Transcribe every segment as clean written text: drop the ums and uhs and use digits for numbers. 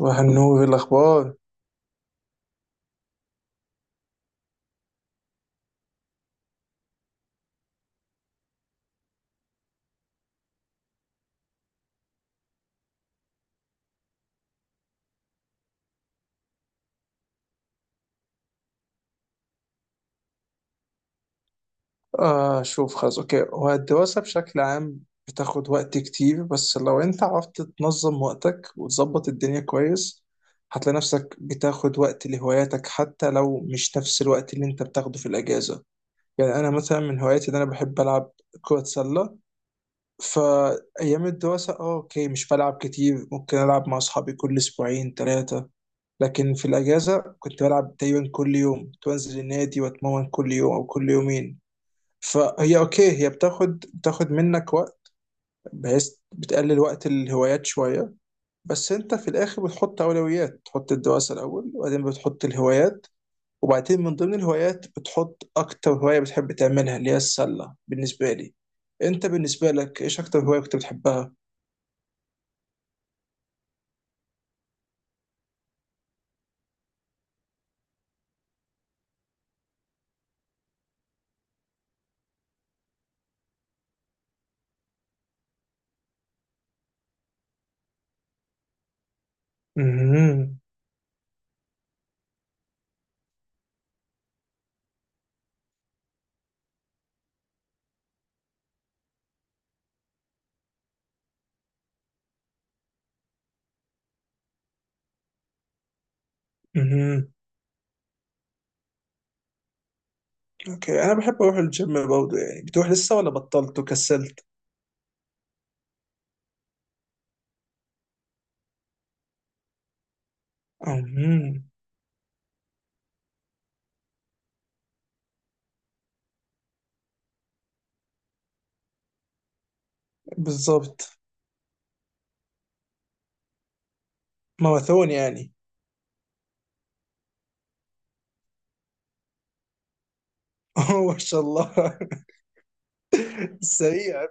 وهنو إيه الأخبار؟ شوف، خلاص، أوكي. هو الدراسة بشكل عام بتاخد وقت كتير، بس لو أنت عرفت تنظم وقتك وتظبط الدنيا كويس، هتلاقي نفسك بتاخد وقت لهواياتك، حتى لو مش نفس الوقت اللي أنت بتاخده في الأجازة. يعني أنا مثلا من هواياتي إن أنا بحب ألعب كرة سلة. فأيام الدراسة، أوكي، مش بلعب كتير، ممكن ألعب مع أصحابي كل أسبوعين ثلاثة، لكن في الأجازة كنت بلعب تقريبا كل يوم، كنت بنزل النادي وأتمرن كل يوم أو كل يومين. فهي اوكي، هي بتاخد منك وقت، بحيث بتقلل وقت الهوايات شويه. بس انت في الاخر بتحط اولويات، تحط الدراسه الاول وبعدين بتحط الهوايات، وبعدين من ضمن الهوايات بتحط اكتر هوايه بتحب تعملها اللي هي السله بالنسبه لي. انت بالنسبه لك ايش اكتر هوايه كنت بتحبها؟ مهم. مهم. اوكي، انا بحب اروح الجيم برضه. يعني بتروح لسه ولا بطلت وكسلت؟ مهم. بالظبط. ماراثون يعني. ما شاء الله. سريع.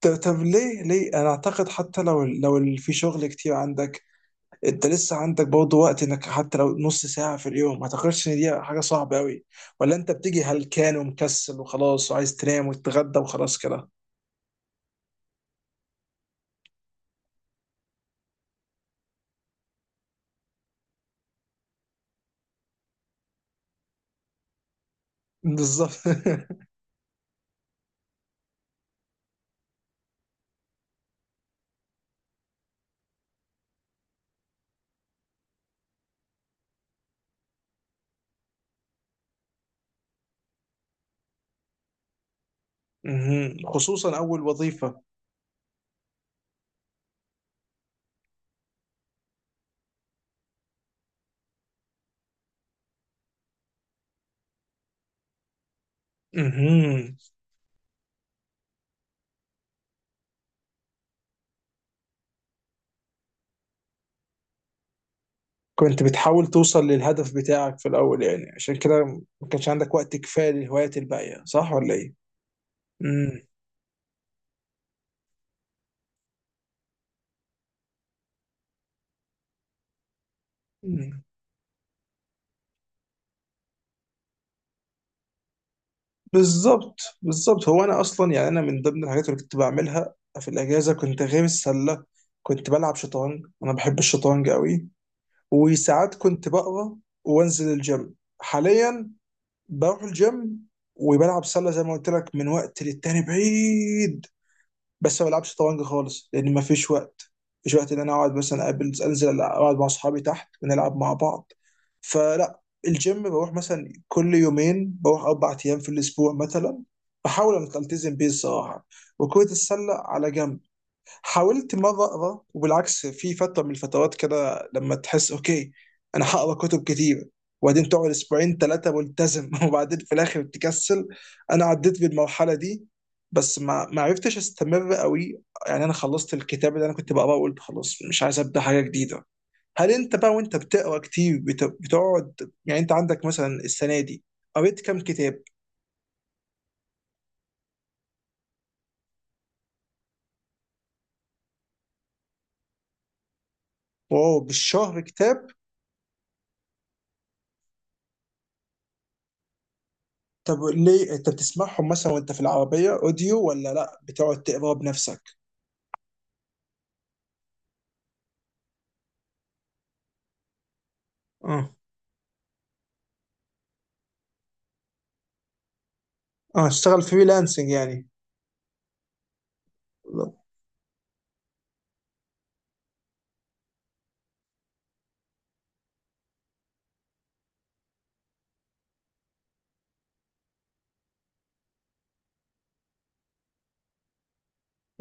طب ليه انا اعتقد حتى لو ال- في شغل كتير عندك، انت لسه عندك برضه وقت، انك حتى لو نص ساعة في اليوم، ما اعتقدش ان دي حاجة صعبة قوي. ولا انت بتيجي هلكان ومكسل وخلاص، وعايز تنام وتتغدى وخلاص كده؟ بالظبط. مهم. خصوصا اول وظيفة. مهم. كنت بتحاول توصل للهدف بتاعك في الاول يعني، عشان كده ما كانش عندك وقت كفاية للهوايات الباقية، صح ولا ايه؟ مم. بالظبط، بالظبط. هو انا اصلا يعني انا من ضمن الحاجات اللي كنت بعملها في الاجازه، كنت غير السله كنت بلعب شطرنج، انا بحب الشطرنج قوي، وساعات كنت بقرا وانزل الجيم. حاليا بروح الجيم وبلعب سله زي ما قلت لك من وقت للتاني بعيد، بس ما بلعبش شطرنج خالص لان ما فيش وقت. مفيش وقت ان انا اقعد مثلا اقابل، انزل اقعد مع اصحابي تحت ونلعب مع بعض، فلا. الجيم بروح مثلا كل يومين، بروح اربع ايام في الاسبوع مثلا، بحاول ان التزم بيه الصراحه. وكرة السله على جنب. حاولت مره اقرا وبالعكس في فتره من الفترات كده، لما تحس اوكي انا هقرا كتب كتير، وبعدين تقعد اسبوعين ثلاثه ملتزم وبعدين في الاخر تكسل. انا عديت بالمرحله دي، بس ما عرفتش استمر قوي. يعني انا خلصت الكتاب اللي انا كنت بقراه وقلت خلاص مش عايز ابدا حاجه جديده. هل انت بقى وانت بتقرا كتير بتقعد، يعني انت عندك مثلا السنه دي قريت كام كتاب؟ واو، بالشهر كتاب. طب ليه، انت بتسمعهم مثلا وانت في العربية اوديو، ولا لا بتقعد تقراه بنفسك؟ اه. اه، اشتغل فريلانسنج يعني.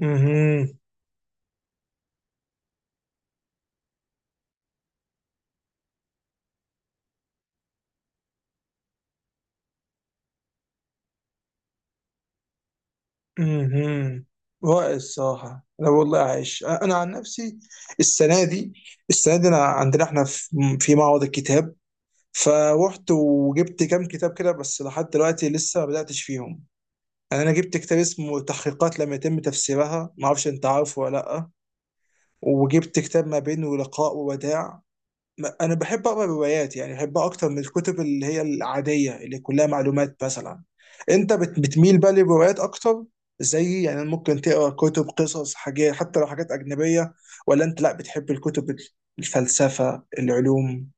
امم. امم. رائع الصراحة. أنا والله عايش، أنا عن نفسي السنة دي، السنة دي أنا عندنا إحنا في في معرض الكتاب، فروحت وجبت كام كتاب كده، بس لحد دلوقتي لسه ما بدأتش فيهم. يعني أنا جبت كتاب اسمه تحقيقات لم يتم تفسيرها، ما أعرفش أنت عارفه ولا لأ. وجبت كتاب ما بين ولقاء ووداع. انا بحب اقرا روايات، يعني بحبها اكتر من الكتب اللي هي العاديه اللي كلها معلومات مثلا. انت بتميل بقى للروايات اكتر؟ زي يعني ممكن تقرا كتب قصص، حاجات حتى لو حاجات اجنبيه، ولا انت لا بتحب الكتب ال- الفلسفه العلوم؟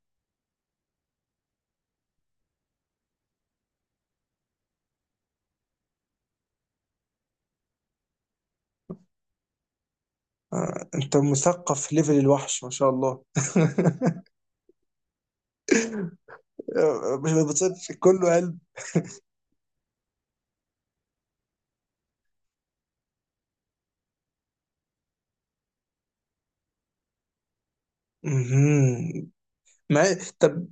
آه، انت مثقف ليفل الوحش، ما شاء الله. آه، مش بتصير. كله قلب. مهم. ما طب.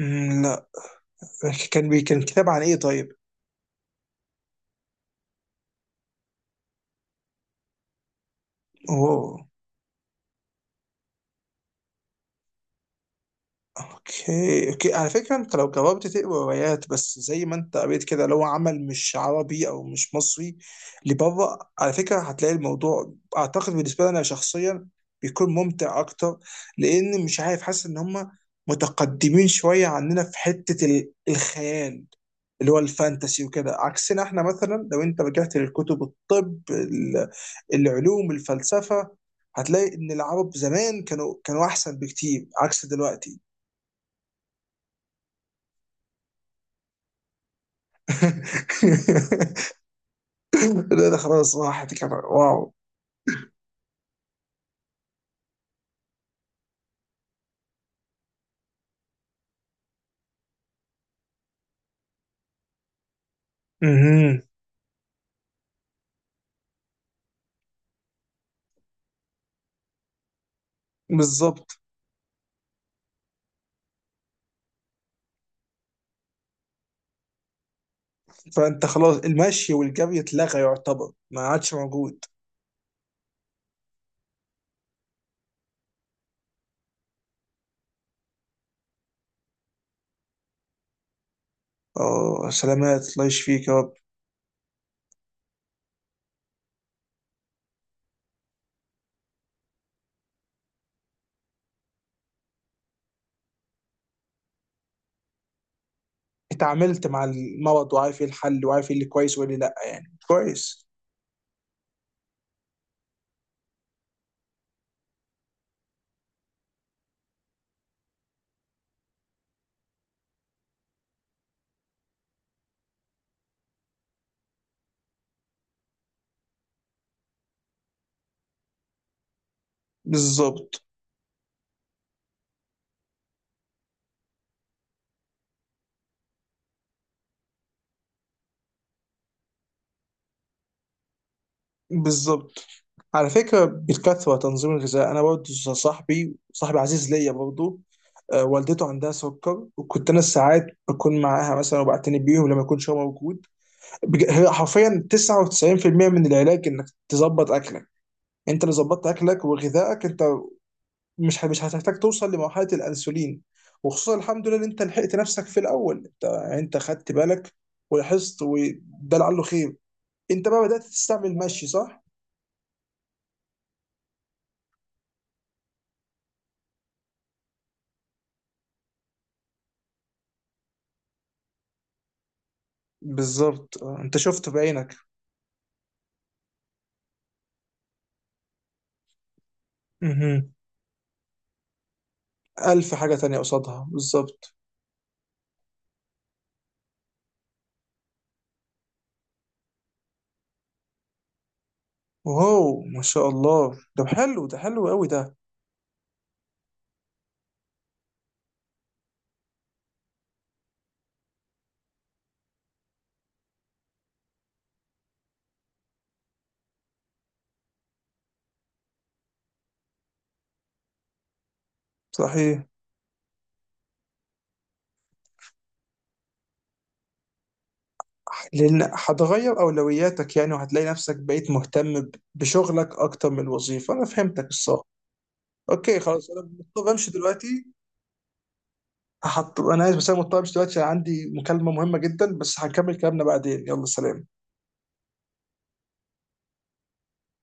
مم، لا. كان بي كان كتاب عن ايه طيب؟ اوه. اوكي اوكي، على فكره انت لو جربت تقرا روايات بس زي ما انت قريت كده، لو عمل مش عربي او مش مصري، لبره، على فكره هتلاقي الموضوع اعتقد بالنسبه لي انا شخصيا بيكون ممتع اكتر، لان مش عارف، حاسس ان هم متقدمين شويه عننا في حته ال- الخيال اللي هو الفانتسي وكده، عكسنا احنا. مثلا لو انت رجعت للكتب الطب ال- العلوم الفلسفه، هتلاقي ان العرب زمان كانوا احسن بكتير عكس دلوقتي. لا، ده خلاص راحت، كان واو. اها. بالظبط، فانت خلاص المشي والجري اتلغى، يعتبر ما عادش موجود. اه، سلامات، الله يشفيك يا رب. اتعاملت مع المرض وعارف ايه الحل، وعارف ايه اللي كويس وايه اللي لا، يعني كويس. بالظبط. بالظبط، على فكره بالكثره تنظيم الغذاء. انا برضه صاحبي، صاحبي عزيز ليا برضه، آه، والدته عندها سكر، وكنت انا ساعات بكون معاها مثلا وبعتني بيهم لما يكونش هو موجود. هي حرفيا 99% من العلاج انك تظبط اكلك. انت لو ظبطت اكلك وغذائك، انت مش هتحتاج توصل لمرحله الانسولين. وخصوصا الحمد لله ان انت لحقت نفسك في الاول، انت يعني انت خدت بالك ولاحظت، وده لعله خير. انت بقى بدات تستعمل المشي، صح؟ بالظبط. آه، انت شفت بعينك. مهم. الف حاجه تانية قصادها بالظبط. واو ما شاء الله، ده حلو، ده حلو قوي ده. صحيح. لان هتغير اولوياتك يعني، وهتلاقي نفسك بقيت مهتم ب- بشغلك اكتر من الوظيفه. انا فهمتك الصراحه. اوكي خلاص، انا مضطر امشي دلوقتي. هحط، انا اسف بس انا مضطر امشي دلوقتي عشان عندي مكالمه مهمه جدا، بس هنكمل كلامنا بعدين. يلا سلام.